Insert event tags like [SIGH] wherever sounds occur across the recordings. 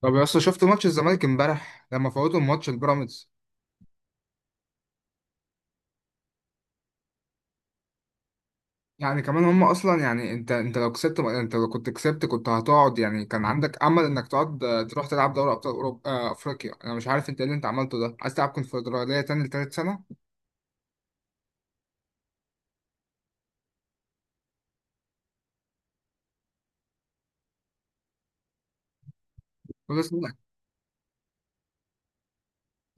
طب يا اسطى، شفت ماتش الزمالك امبارح لما فوتوا الماتش البيراميدز؟ يعني كمان هم اصلا، يعني انت لو كنت كسبت كنت هتقعد. يعني كان عندك امل انك تقعد، تروح تلعب دوري ابطال اوروبا، افريقيا. انا مش عارف انت ايه اللي انت عملته ده، عايز تلعب كونفدراليه تاني لتالت سنه ولا سنة؟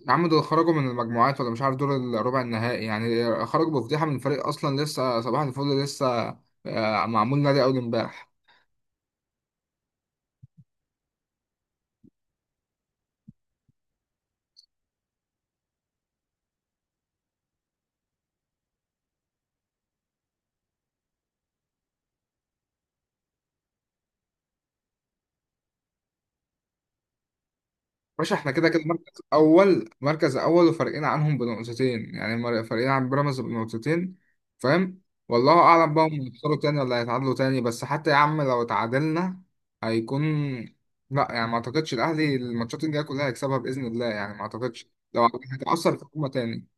يا عم، دول خرجوا من المجموعات ولا مش عارف، دول الربع النهائي، يعني خرجوا بفضيحه من فريق اصلا لسه صباح الفل لسه. معمول نادي اول امبارح. باشا، احنا كده كده مركز اول، مركز اول، وفارقين عنهم بنقطتين، يعني فارقين عن بيراميدز بنقطتين. فاهم. والله اعلم بقى، هم يخسروا تاني ولا هيتعادلوا تاني؟ بس حتى يا عم لو اتعادلنا هيكون... لا، يعني ما اعتقدش الاهلي الماتشات الجايه كلها هيكسبها باذن الله، يعني ما اعتقدش لو هيتاثر في هجمه تاني.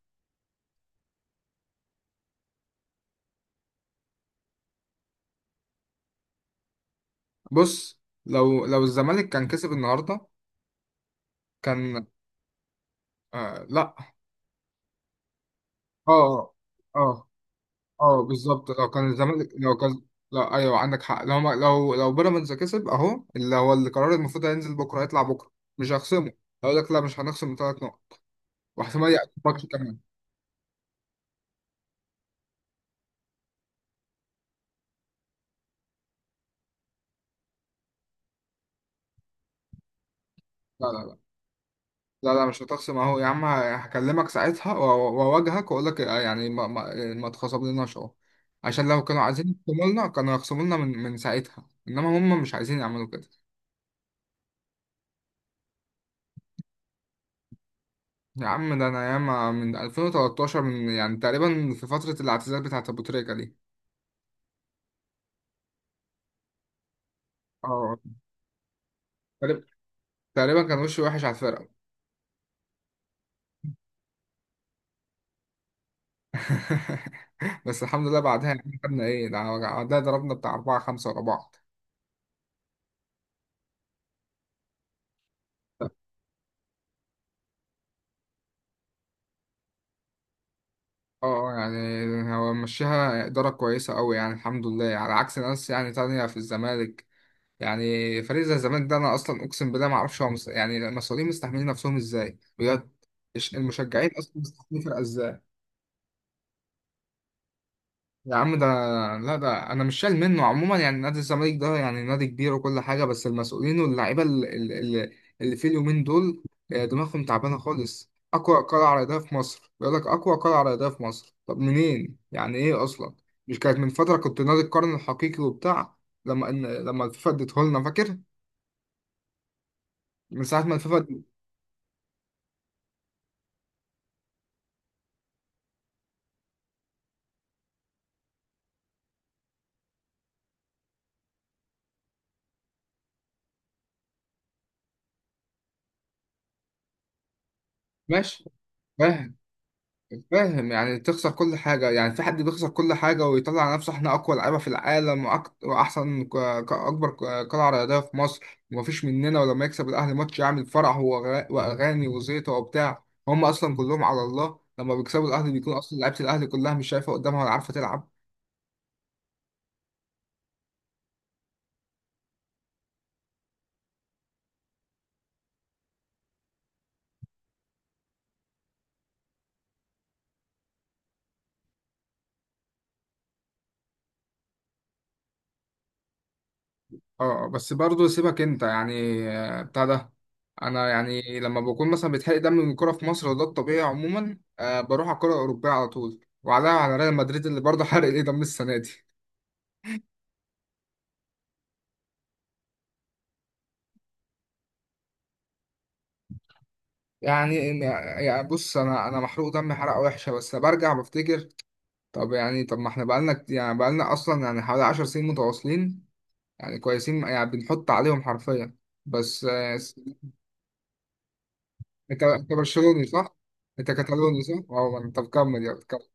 بص، لو الزمالك كان كسب النهارده كان... آه لا. اه اه اه، بالظبط لو كان الزمالك، لو كان. لو ايوه عندك حق. لو ما... لو بيراميدز كسب اهو، اللي هو القرار المفروض هينزل بكره، هيطلع بكره مش هخصمه. هقول لك لا، مش هنخصم ثلاث نقط، واحتمال يعطيك ماتش كمان. لا لا لا، لا لا مش هتخصم اهو. يا عم، هكلمك ساعتها واواجهك واقول لك، يعني ما تخصملناش اهو. عشان لو كانوا عايزين يخصموا لنا كانوا يخصموا لنا من ساعتها، انما هم مش عايزين يعملوا كده. يا عم ده انا ياما من 2013، من يعني تقريبا في فتره الاعتزال بتاعت ابو تريكه دي. اه، تقريبا كان وشه وحش على الفرقة. [LAUGHS] بس الحمد لله بعدها يعني خدنا ايه ده، بعدها ضربنا بتاع أربعة خمسة ورا بعض. اه. يعني هو مشيها إدارة كويسة أوي، يعني الحمد لله، على عكس ناس يعني تانية في الزمالك. يعني فريق زي الزمالك ده، أنا أصلا أقسم بالله معرفش هو يعني المسؤولين مستحملين نفسهم إزاي بجد. المشجعين أصلا مستحملين فرقة إزاي؟ يا عم ده، لا ده انا مش شايل منه عموما. يعني نادي الزمالك ده يعني نادي كبير وكل حاجه، بس المسؤولين واللعيبه اللي في اليومين دول، دماغهم تعبانه خالص. اقوى قلعه رياضيه في مصر بيقول لك، اقوى قلعه رياضيه في مصر؟ طب منين؟ يعني ايه اصلا؟ مش كانت من فتره كنت نادي القرن الحقيقي وبتاع؟ لما لما الفيفا اديته لنا فاكر؟ من ساعه ما الفيفا... ماشي. فاهم، يعني تخسر كل حاجة، يعني في حد بيخسر كل حاجة ويطلع على نفسه احنا أقوى لعيبة في العالم، وأحسن أكبر قلعة رياضية في مصر ومفيش مننا؟ ولما يكسب الأهلي ماتش يعمل فرح وأغاني وزيطة وبتاع. هم أصلا كلهم على الله، لما بيكسبوا الأهلي بيكون أصلا لعيبة الأهلي كلها مش شايفة قدامها ولا عارفة تلعب. اه. بس برضه سيبك أنت، يعني بتاع ده. أنا يعني لما بكون مثلا بيتحرق دم من الكورة في مصر وده الطبيعي عموما، بروح على الكورة الأوروبية على طول وعليها، على ريال مدريد اللي برضه حرق ايه دم السنة دي. يعني، يعني بص انا محروق دمي حرقه وحشه، بس برجع بفتكر. طب يعني، طب ما احنا بقالنا يعني بقالنا اصلا يعني حوالي 10 سنين متواصلين يعني كويسين، يعني بنحط عليهم حرفيا. بس انت برشلوني صح؟ انت كتالوني صح؟ اه، طب كمل يلا كمل.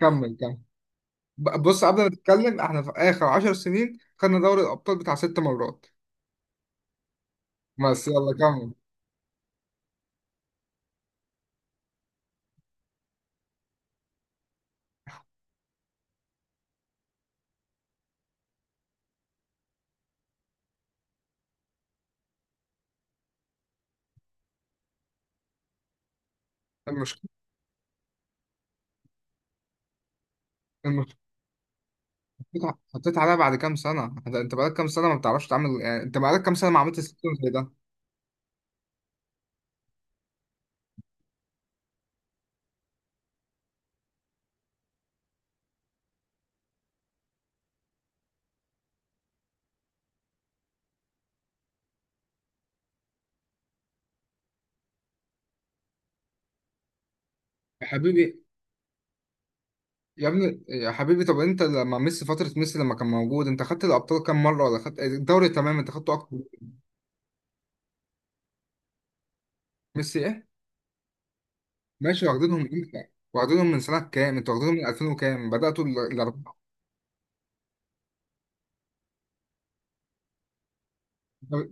كمل كمل. بص، قبل ما نتكلم احنا في اخر 10 سنين خدنا دوري الابطال بتاع ست مرات. بس يلا كمل. المشكله، المشكله، حطيت، حطيت عليها بعد كام سنه انت؟ أنت بقالك كام سنه ما بتعرفش تعمل، يعني انت بقالك كام سنه ما عملتش سيستم زي ده. يا حبيبي، يا ابني يا حبيبي، طب انت لما ميسي، فترة ميسي لما كان موجود انت خدت الابطال كام مرة ولا خدت الدوري؟ تمام، انت خدته اكتر؟ ميسي ايه؟ ماشي، واخدينهم امتى؟ واخدينهم من سنة كام؟ انت واخدينهم من 2000 وكام؟ بدأتوا الاربعة. طب-.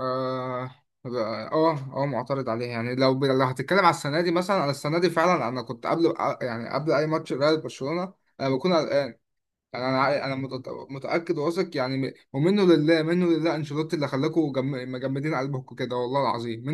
اه اه اه. معترض عليه. يعني لو لو هتتكلم على السنة دي مثلا، انا السنة دي فعلا انا كنت قبل، يعني قبل اي ماتش ريال برشلونة انا بكون قلقان. يعني انا انا متأكد واثق، يعني ومنه لله منه لله انشيلوتي اللي خلاكوا مجمدين قلبكم كده، والله العظيم.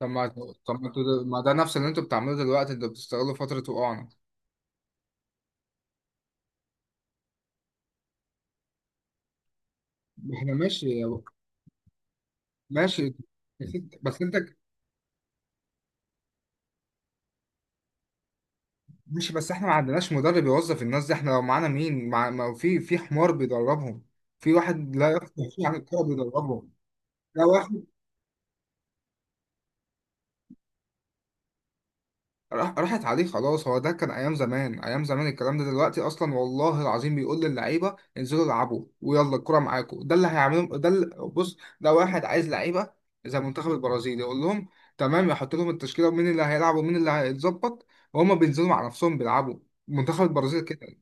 طب ما طب ما انتوا ما ده نفس اللي انتوا بتعملوه دلوقتي، انتوا بتستغلوا فترة وقوعنا. احنا ماشي يا-. ماشي، بس انت. ماشي، بس احنا ما عندناش مدرب يوظف الناس دي. احنا لو معانا مين، مع ما في، في حمار بيدربهم، في واحد لا يفقه شيء عن الكورة بيدربهم. لا، واحد راح، راحت عليه خلاص. هو ده كان ايام زمان، ايام زمان الكلام ده. دلوقتي اصلا والله العظيم بيقول للعيبه انزلوا العبوا ويلا الكره معاكم، ده اللي هيعملهم، ده اللي، بص ده واحد عايز لعيبه زي منتخب البرازيل، يقول لهم تمام، يحط لهم التشكيله ومين اللي هيلعب ومين اللي هيتظبط، وهما بينزلوا مع نفسهم بيلعبوا. منتخب البرازيل كده.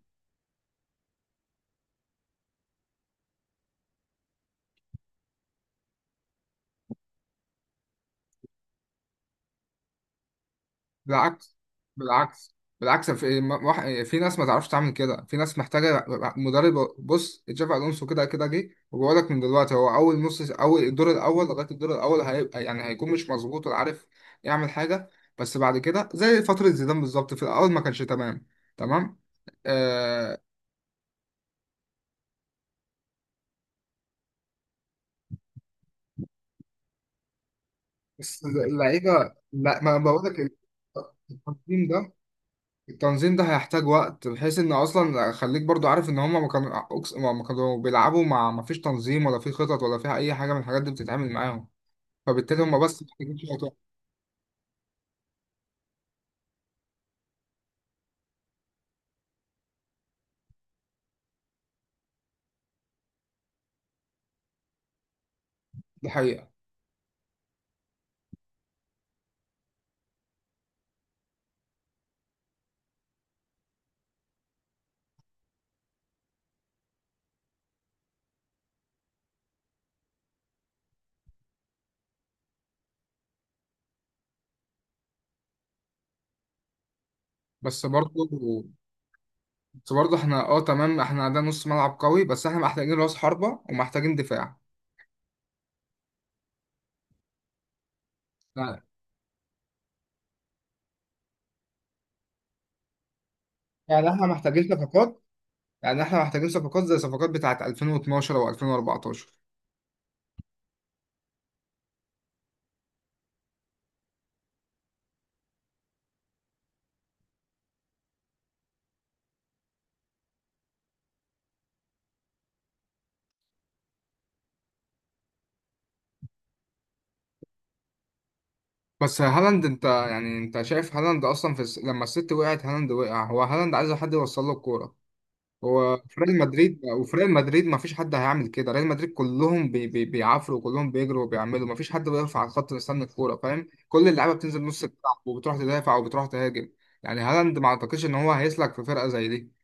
بالعكس، بالعكس، بالعكس، في في ناس ما تعرفش تعمل كده، في ناس محتاجه مدرب. بص، تشافي الونسو كده كده جه، وبقول لك من دلوقتي هو اول نص، اول الدور الاول لغايه الدور الاول هيبقى، يعني هيكون مش مظبوط ولا عارف يعمل حاجه. بس بعد كده زي فتره زيدان بالظبط، في الاول ما كانش تمام. تمام. آه. بس اللعيبه، لا ما بقول لك، التنظيم ده، التنظيم ده هيحتاج وقت، بحيث ان اصلا خليك برضو عارف ان هما ما كانوا ما كانوا بيلعبوا، مع ما فيش تنظيم، ولا في خطط، ولا فيها اي حاجه من الحاجات دي بتتعامل معاهم. فبالتالي هما بس محتاجين شويه وقت. دي حقيقه. بس برضو بس برضو احنا، اه تمام، احنا عندنا نص ملعب قوي بس احنا محتاجين راس حربه، ومحتاجين دفاع. يعني، يعني احنا محتاجين صفقات. يعني احنا محتاجين صفقات زي صفقات بتاعه 2012 او 2014. بس هالاند، انت يعني انت شايف هالاند اصلا في لما الست وقعت هالاند وقع. هو هالاند عايز حد يوصل له الكوره. هو في ريال مدريد، وفي ريال مدريد ما فيش حد هيعمل كده. ريال مدريد كلهم بي بي بيعافروا، كلهم بيجروا وبيعملوا، ما فيش حد بيقف على الخط مستني الكوره. فاهم؟ كل اللعيبه بتنزل نص الملعب وبتروح تدافع وبتروح تهاجم. يعني هالاند ما اعتقدش ان هو هيسلك في فرقه زي دي.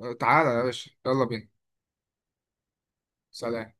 أه، تعالى يا باشا يلا بينا. سلام.